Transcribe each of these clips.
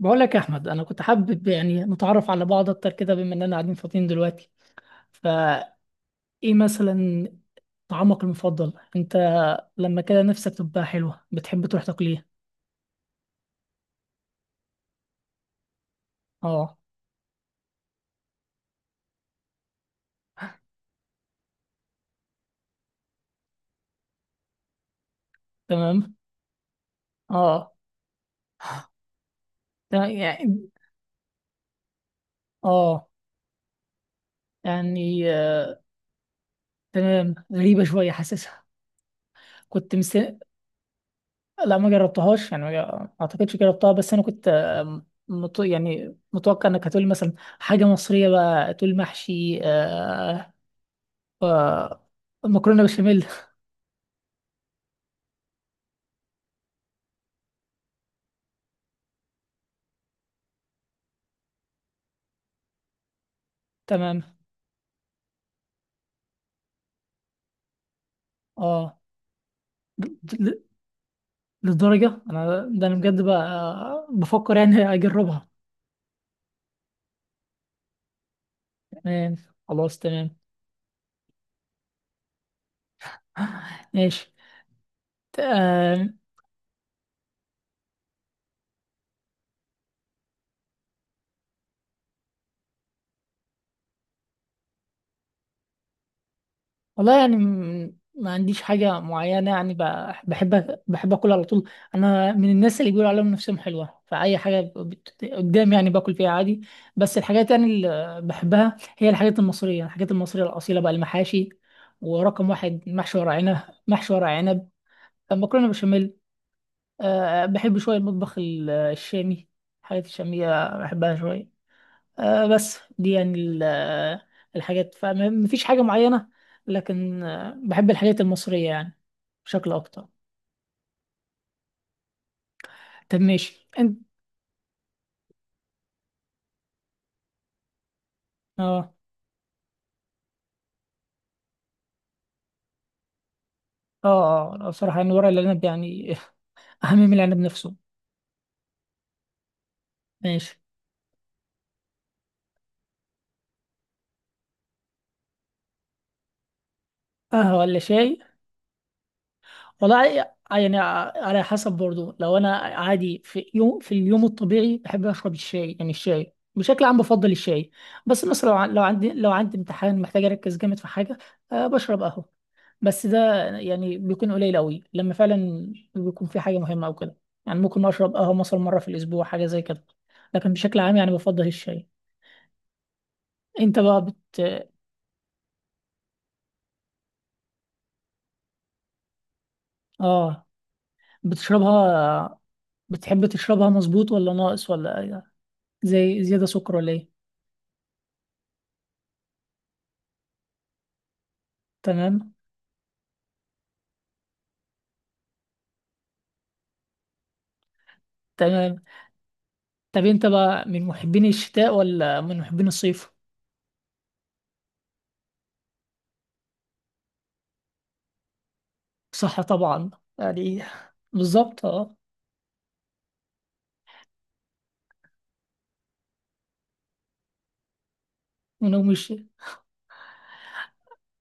بقول لك يا احمد، انا كنت حابب يعني نتعرف على بعض اكتر كده بما اننا قاعدين فاضيين دلوقتي. فايه مثلا طعامك المفضل انت؟ لما كده نفسك تبقى حلوه بتحب تروح تاكل ايه؟ اه. تمام. اه، تمام يعني. اه، يعني تمام، غريبه شويه حاسسها. كنت مس... لا، ما جربتهاش يعني، ما اعتقدش جربتها، بس انا كنت يعني متوقع انك هتقولي مثلا حاجه مصريه، بقى تقول محشي مكرونه بشاميل. تمام. اه. د- ل- للدرجه انا ده انا بجد بقى بفكر يعني اجربها. تمام. خلاص، تمام. ماشي. ت- آم، والله يعني ما عنديش حاجه معينه يعني، بحب اكل على طول. انا من الناس اللي بيقولوا عليهم نفسهم حلوه، فاي حاجه قدام يعني باكل فيها عادي. بس الحاجات يعني اللي بحبها هي الحاجات المصريه، الحاجات المصريه الاصيله بقى، المحاشي. ورقم واحد محشي ورق عنب. محشي ورق عنب، مكرونه بشاميل. أه، بحب شويه المطبخ الشامي، الحاجات الشاميه بحبها شويه. أه بس دي يعني الحاجات مفيش حاجه معينه. لكن بحب الحاجات المصريه يعني بشكل اكتر. طب ماشي انت. اه، اه، اه. بصراحه يعني ورق العنب يعني اهم من العنب نفسه. ماشي. قهوه ولا شاي؟ والله يعني على حسب برضه. لو انا عادي في يوم، في اليوم الطبيعي بحب اشرب الشاي، يعني الشاي بشكل عام بفضل الشاي. بس مثلا لو عندي امتحان محتاج اركز جامد في حاجه، بشرب قهوه. بس ده يعني بيكون قليل قوي لما فعلا بيكون في حاجه مهمه او كده. يعني ممكن اشرب قهوه مثلا مره في الاسبوع، حاجه زي كده. لكن بشكل عام يعني بفضل الشاي. انت بقى بت اه بتشربها؟ بتحب تشربها مظبوط ولا ناقص؟ ولا زي زياده سكر ولا ايه؟ تمام. تمام. طب انت بقى من محبين الشتاء ولا من محبين الصيف؟ صح، طبعا، يعني بالظبط، اه. انا مش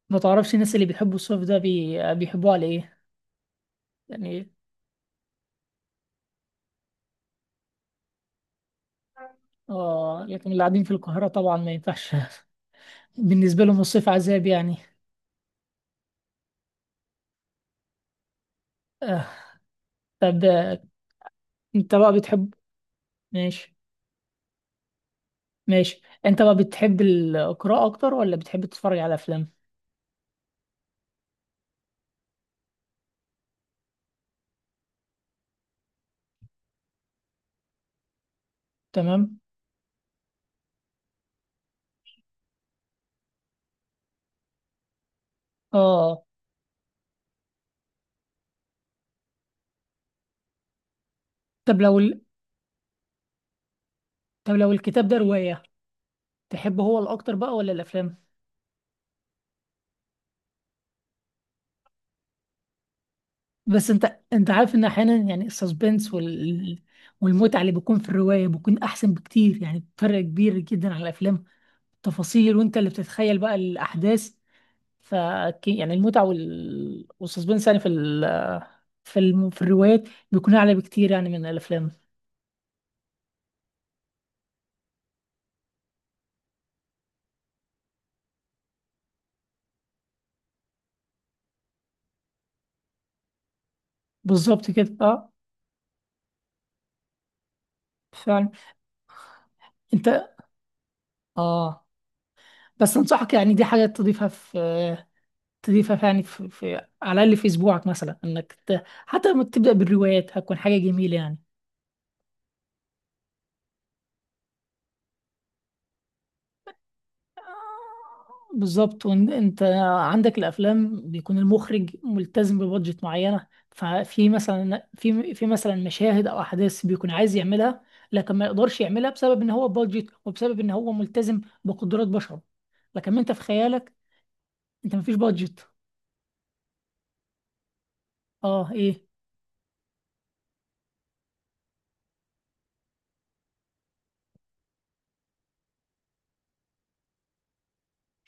ما تعرفش الناس اللي بيحبوا الصيف ده بيحبوه على ايه؟ يعني، اه. لكن اللي قاعدين في القاهرة طبعا ما ينفعش. بالنسبة لهم الصيف عذاب يعني. آه. طب آه، انت بقى بتحب. ماشي. ماشي، انت بقى بتحب القراءة اكتر ولا بتحب تتفرج على افلام؟ تمام. اه. طب لو ال... طب لو الكتاب ده رواية تحب، هو الاكتر بقى ولا الافلام؟ بس انت عارف ان احيانا، يعني السسبنس والمتعه اللي بيكون في الروايه بيكون احسن بكتير، يعني فرق كبير جدا على الافلام. تفاصيل وانت اللي بتتخيل بقى الاحداث. ف يعني المتعه والسسبنس يعني في ال... في الم... في الروايات بيكون اعلى بكتير يعني من الافلام. بالظبط كده، اه. فعلا. انت اه بس انصحك، يعني دي حاجه تضيفها في تضيفها في على الاقل في اسبوعك، مثلا انك حتى لما تبدا بالروايات هتكون حاجه جميله يعني. بالظبط. وانت عندك الافلام بيكون المخرج ملتزم ببادجت معينه، ففي مثلا في مثلا مشاهد او احداث بيكون عايز يعملها، لكن ما يقدرش يعملها بسبب ان هو بادجت، وبسبب ان هو ملتزم بقدرات بشر. لكن انت في خيالك، انت مفيش بادجت. اه. ايه؟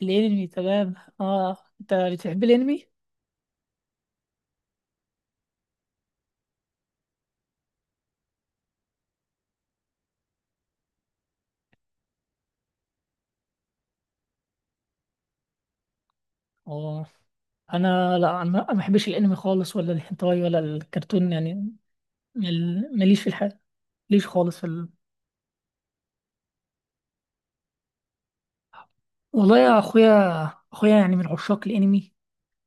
الانمي، تمام. اه انت بتحب الانمي. اه، انا لا، انا ما بحبش الانمي خالص، ولا الهنتاي ولا الكرتون يعني. ماليش في الحاجه، ماليش خالص. والله يا اخويا، اخويا يعني من عشاق الانمي.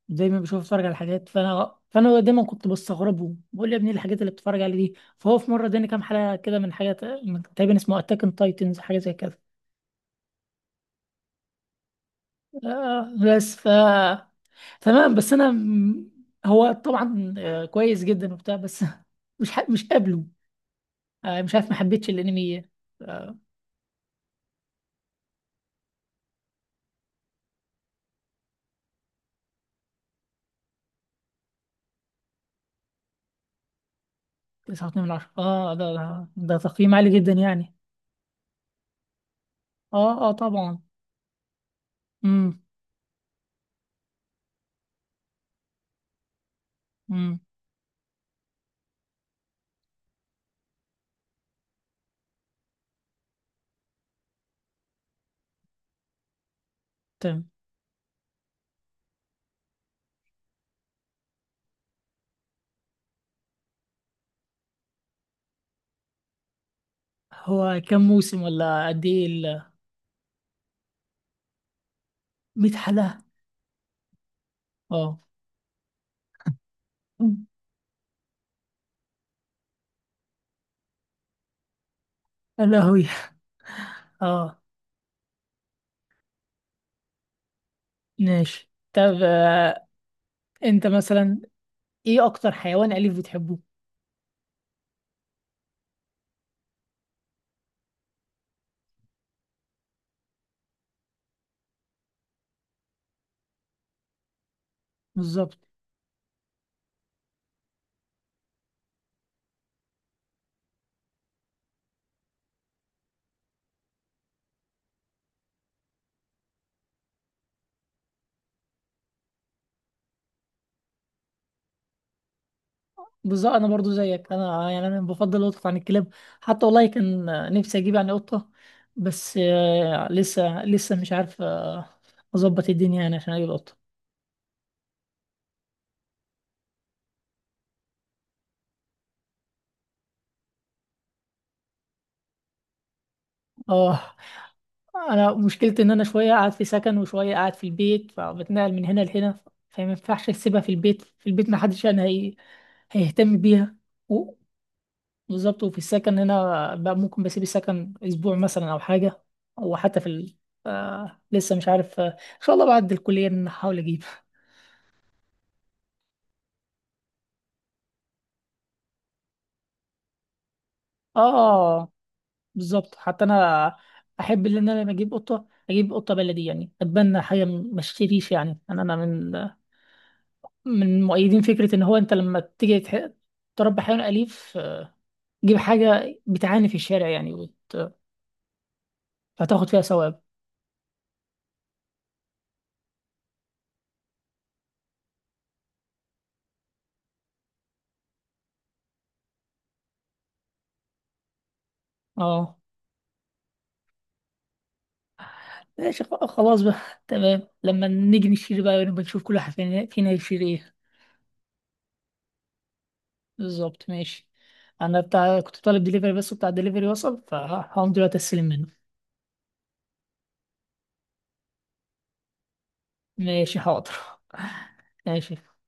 دايما بشوف، اتفرج على حاجات. فانا دايما كنت بستغربه، بقول يا ابني إيه الحاجات اللي بتتفرج عليها دي. فهو في مره اداني كام حلقه كده من حاجه، تقريبا اسمه اتاك اون تايتنز، حاجه زي كده. بس تمام. بس انا هو طبعا كويس جدا وبتاع، بس مش قابله. مش عارف، ما حبيتش الانمي. آه، 9.2 من 10. اه، ده تقييم عالي جدا يعني. اه، اه، طبعا. امم امم هو كم موسم، ولا قد ايه 100 حلقة؟ اه. يا لهوي. اه، ماشي. طب انت مثلا، ايه اكتر حيوان اليف بتحبه؟ بالظبط، بالظبط، انا برضو زيك، انا يعني انا بفضل القطط عن الكلاب. حتى والله كان نفسي اجيب يعني قطة، بس لسه لسه مش عارف اظبط الدنيا يعني عشان اجيب قطة. اه. انا مشكلتي ان انا شويه قاعد في سكن وشويه قاعد في البيت، فبتنقل من هنا لهنا فما ينفعش اسيبها في البيت، في البيت ما حدش هيهتم بيها. و- بالظبط. وفي السكن هنا بقى ممكن بسيب السكن اسبوع مثلا او حاجه، او حتى لسه مش عارف ان شاء الله بعد الكليه إن أنا احاول اجيب. اه، بالظبط. حتى انا احب ان انا لما اجيب قطه اجيب قطه بلدي يعني، اتبنى حاجه ما اشتريش يعني. انا من مؤيدين فكرة إن هو أنت لما تيجي تربي حيوان أليف، تجيب حاجة بتعاني في الشارع يعني، فتاخد فيها ثواب. اه. ماشي. خلاص بقى. تمام، لما نيجي نشتري بقى ونبقى نشوف كل واحد فينا يشتري ايه. بالظبط، ماشي. أنا كنت طالب دليفري، بس بتاع الدليفري وصل، فهقوم دلوقتي أستلم منه. ماشي، حاضر. ماشي.